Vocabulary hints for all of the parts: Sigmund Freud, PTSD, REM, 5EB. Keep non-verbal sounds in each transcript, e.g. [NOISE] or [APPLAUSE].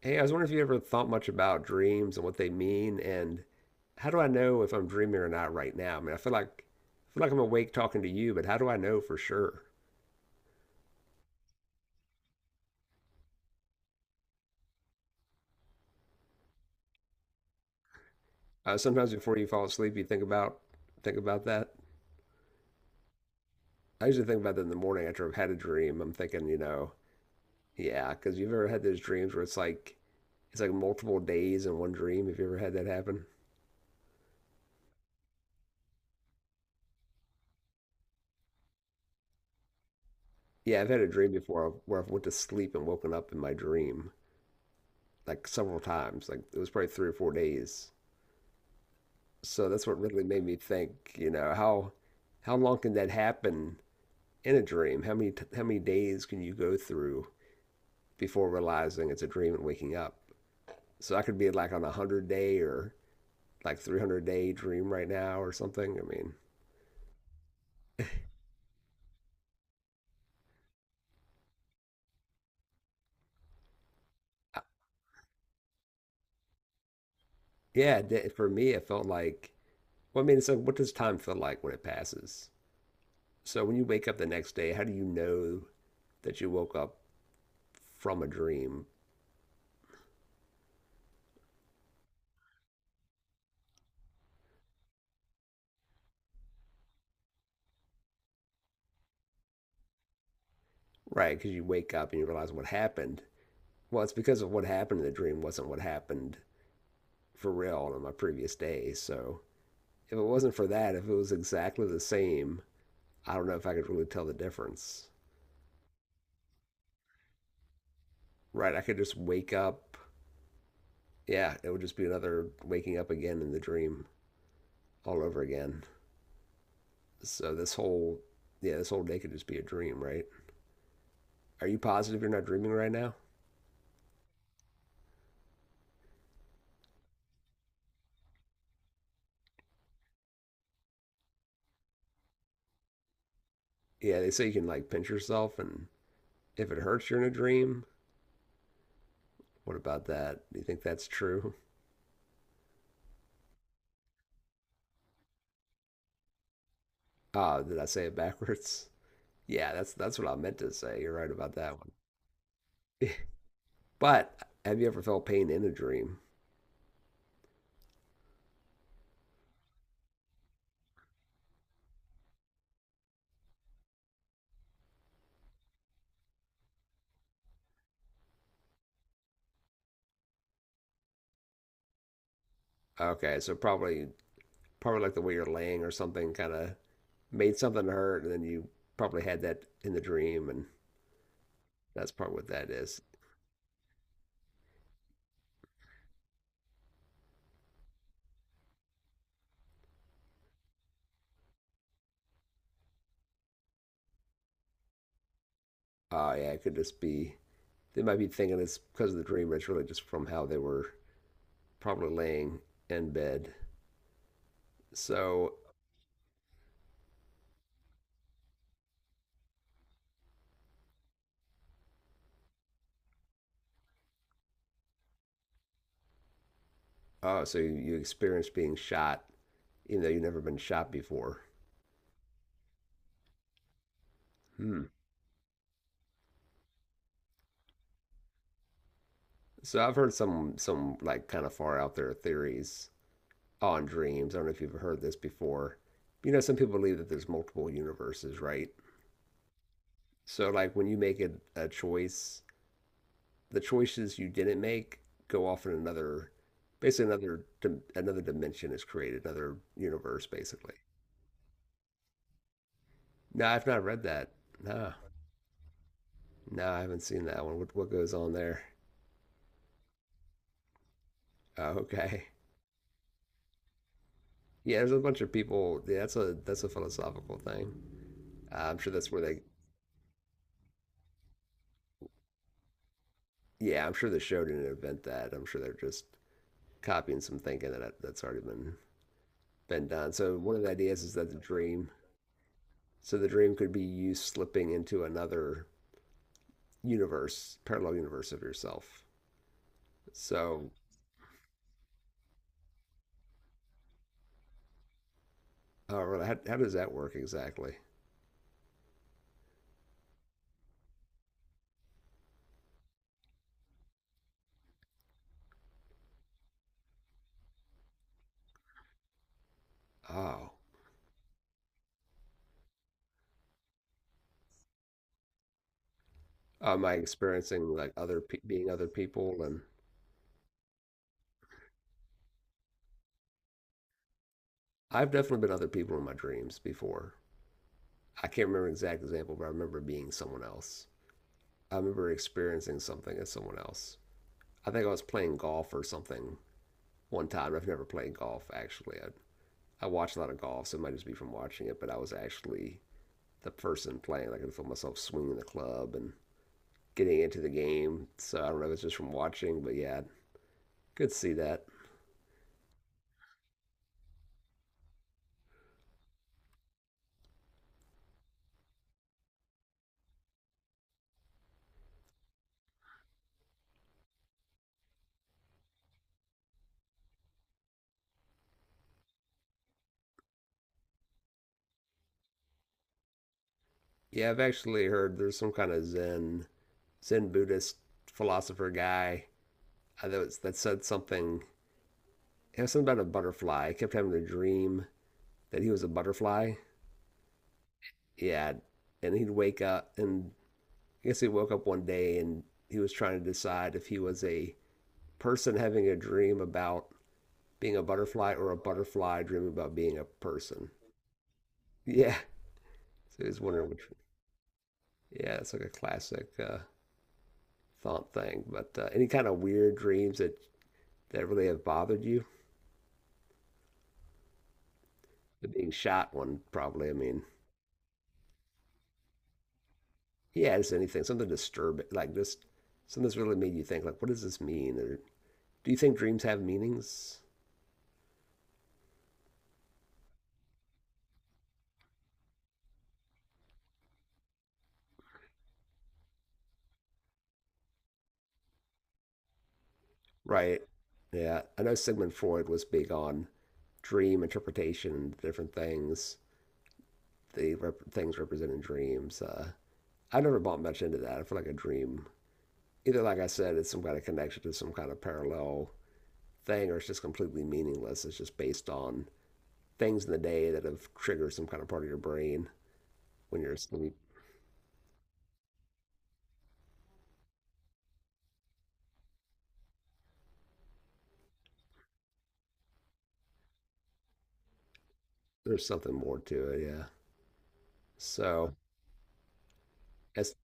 Hey, I was wondering if you ever thought much about dreams and what they mean, and how do I know if I'm dreaming or not right now? I mean, I feel like I'm awake talking to you, but how do I know for sure? Sometimes before you fall asleep, you think about that. I usually think about that in the morning after I've had a dream. I'm thinking, you know, yeah, because you've ever had those dreams where it's like multiple days in one dream. Have you ever had that happen? Yeah, I've had a dream before where I went to sleep and woken up in my dream like several times. Like it was probably 3 or 4 days. So that's what really made me think, you know, how long can that happen in a dream? How many how many days can you go through before realizing it's a dream and waking up? So I could be like on a 100 day or like 300-day dream right now or something. I mean, I- yeah, for me it felt like well, I mean, so what does time feel like when it passes? So when you wake up the next day, how do you know that you woke up from a dream? Right, because you wake up and you realize what happened. Well, it's because of what happened in the dream wasn't what happened for real on my previous day. So if it wasn't for that, if it was exactly the same, I don't know if I could really tell the difference. Right? I could just wake up. Yeah, it would just be another waking up again in the dream all over again. So this whole day could just be a dream, right? Are you positive you're not dreaming right now? Yeah, they say you can like pinch yourself and if it hurts you're in a dream. What about that? Do you think that's true? Ah, did I say it backwards? Yeah, that's what I meant to say. You're right about that one. [LAUGHS] But have you ever felt pain in a dream? Okay, so probably like the way you're laying or something kind of made something hurt, and then you probably had that in the dream, and that's probably what that is. Oh yeah, it could just be they might be thinking it's because of the dream, but it's really just from how they were probably laying in bed. So oh, so you experienced being shot, even though you've never been shot before. Hmm. So I've heard some like kind of far out there theories on dreams. I don't know if you've heard this before. You know, some people believe that there's multiple universes, right? So like when you make a choice, the choices you didn't make go off in another, basically another dimension is created, another universe basically. No, I've not read that. No, no, I haven't seen that one. What goes on there? Oh, okay. [LAUGHS] Yeah, there's a bunch of people. Yeah, that's a philosophical thing. I'm sure that's where they, yeah, I'm sure the show didn't invent that. I'm sure they're just copying some thinking that that's already been done. So one of the ideas is that the dream, so the dream could be you slipping into another universe, parallel universe of yourself. So, oh, really, how does that work exactly? Oh, am I experiencing like being other people? And I've definitely been other people in my dreams before. I can't remember an exact example, but I remember being someone else. I remember experiencing something as someone else. I think I was playing golf or something one time. I've never played golf actually. I watch a lot of golf, so it might just be from watching it. But I was actually the person playing. Like I could feel myself swinging the club and getting into the game. So I don't know if it's just from watching, but yeah, could see that. Yeah, I've actually heard there's some kind of Zen Buddhist philosopher guy I know it's, that said something. It was something about a butterfly. He kept having a dream that he was a butterfly. Yeah, and he'd wake up and I guess he woke up one day and he was trying to decide if he was a person having a dream about being a butterfly or a butterfly dreaming about being a person. Yeah. So he was wondering which. One. Yeah, it's like a classic thought thing. But any kind of weird dreams that really have bothered you? The being shot one, probably. I mean, yeah, just anything, something disturbing, like just something that's really made you think, like, what does this mean? Or do you think dreams have meanings? Right. Yeah, I know Sigmund Freud was big on dream interpretation, different things, things representing dreams. I never bought much into that. I feel like a dream, either like I said, it's some kind of connection to some kind of parallel thing, or it's just completely meaningless. It's just based on things in the day that have triggered some kind of part of your brain when you're asleep. There's something more to it, yeah. So, as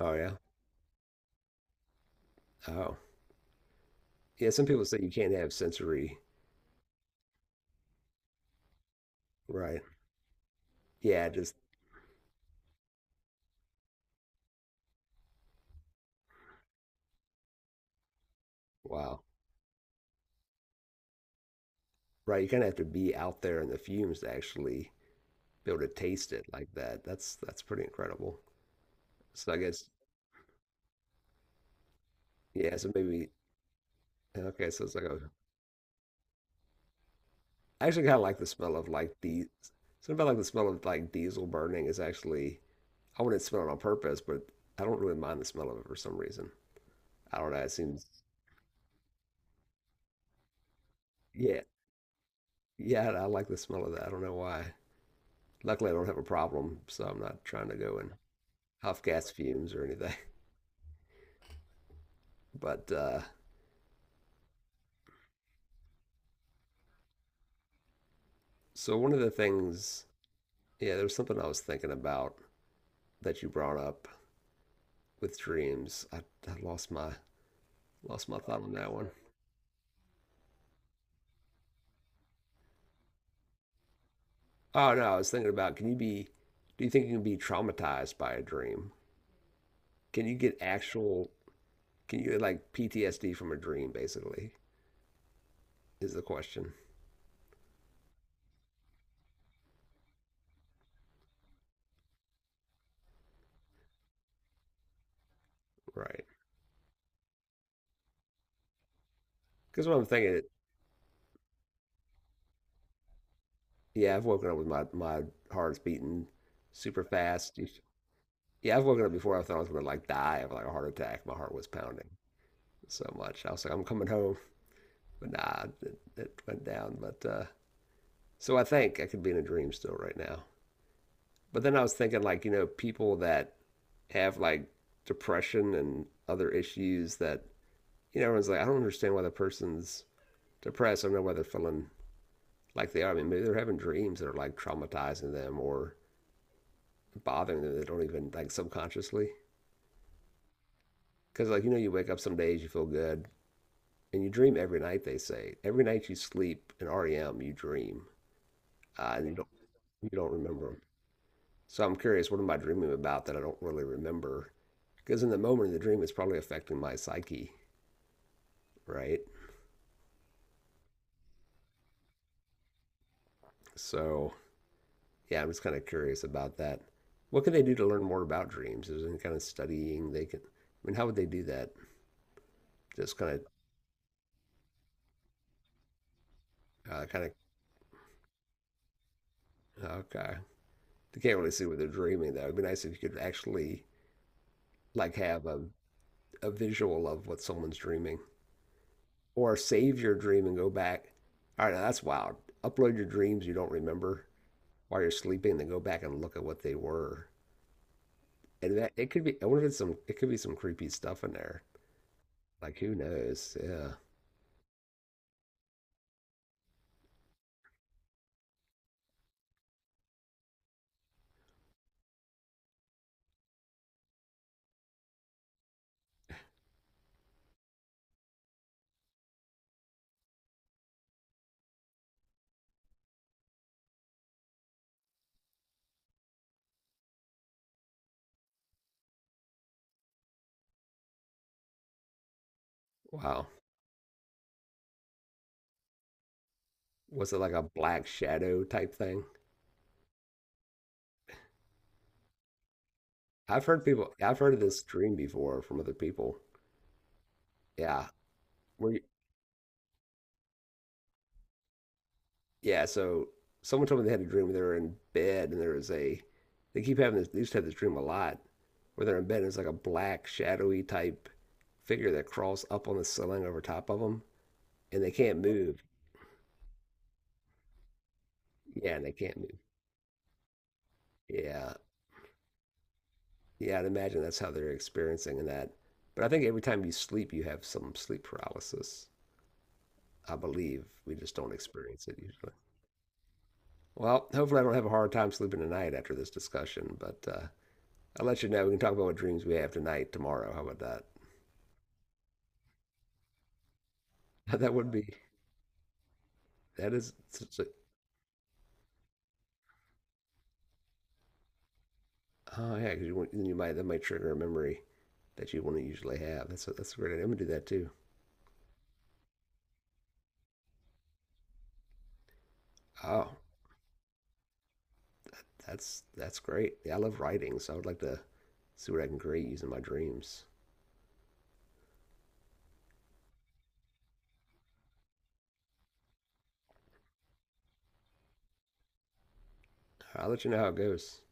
oh yeah, oh yeah. Some people say you can't have sensory, right? Yeah, just wow, right. You kind of have to be out there in the fumes to actually be able to taste it like that. That's pretty incredible. So I guess yeah. So maybe okay. So it's like a, I actually kind of like the smell of like the something about like the smell of like diesel burning is actually I wouldn't smell it on purpose, but I don't really mind the smell of it for some reason. I don't know. It seems yeah yeah. I like the smell of that. I don't know why. Luckily, I don't have a problem, so I'm not trying to go and huff gas fumes or anything. [LAUGHS] But so one of the things, yeah, there was something I was thinking about that you brought up with dreams. I lost my thought on that one. Oh no, I was thinking about can you be do you think you can be traumatized by a dream? Can you get actual can you get like PTSD from a dream basically is the question. Right. Because what I'm thinking yeah, I've woken up with my heart's beating super fast. Yeah, I've woken up before I thought I was gonna like die of like a heart attack. My heart was pounding so much. I was like, I'm coming home, but nah, it went down. But so I think I could be in a dream still right now. But then I was thinking, like, you know, people that have like depression and other issues that, you know, everyone's like, I don't understand why the person's depressed. I don't know why they're feeling like they are. I mean, maybe they're having dreams that are like traumatizing them or bothering them. They don't even like subconsciously. Because, like, you know, you wake up some days, you feel good, and you dream every night, they say. Every night you sleep in REM, you dream, and you don't remember them. So I'm curious, what am I dreaming about that I don't really remember? Because in the moment of the dream, it's probably affecting my psyche. Right? So, yeah, I'm just kind of curious about that. What can they do to learn more about dreams? Is there any kind of studying they can? I mean, how would they do that? Just kind of, uh, kind okay. They can't really see what they're dreaming, though. It'd be nice if you could actually like have a visual of what someone's dreaming, or save your dream and go back. All right, now that's wild. Upload your dreams you don't remember while you're sleeping, then go back and look at what they were. And that it could be. I wonder if it's some. It could be some creepy stuff in there. Like who knows? Yeah. Wow. Was it like a black shadow type thing? I've heard people, I've heard of this dream before from other people. Yeah. Were you, yeah. So someone told me they had a dream where they were in bed and there was a, they keep having this, they used to have this dream a lot where they're in bed and it's like a black shadowy type figure that crawls up on the ceiling over top of them and they can't move. Yeah. And they can't move. Yeah. Yeah. I'd imagine that's how they're experiencing that. But I think every time you sleep, you have some sleep paralysis. I believe we just don't experience it usually. Well, hopefully I don't have a hard time sleeping tonight after this discussion, but I'll let you know. We can talk about what dreams we have tonight, tomorrow. How about that? [LAUGHS] That would be that is such a oh yeah, 'cause you want, you might that might trigger a memory that you wouldn't usually have. That's a great idea. I'm gonna do that too. Oh, that's great. Yeah, I love writing, so I would like to see what I can create using my dreams. I'll let you know how it goes.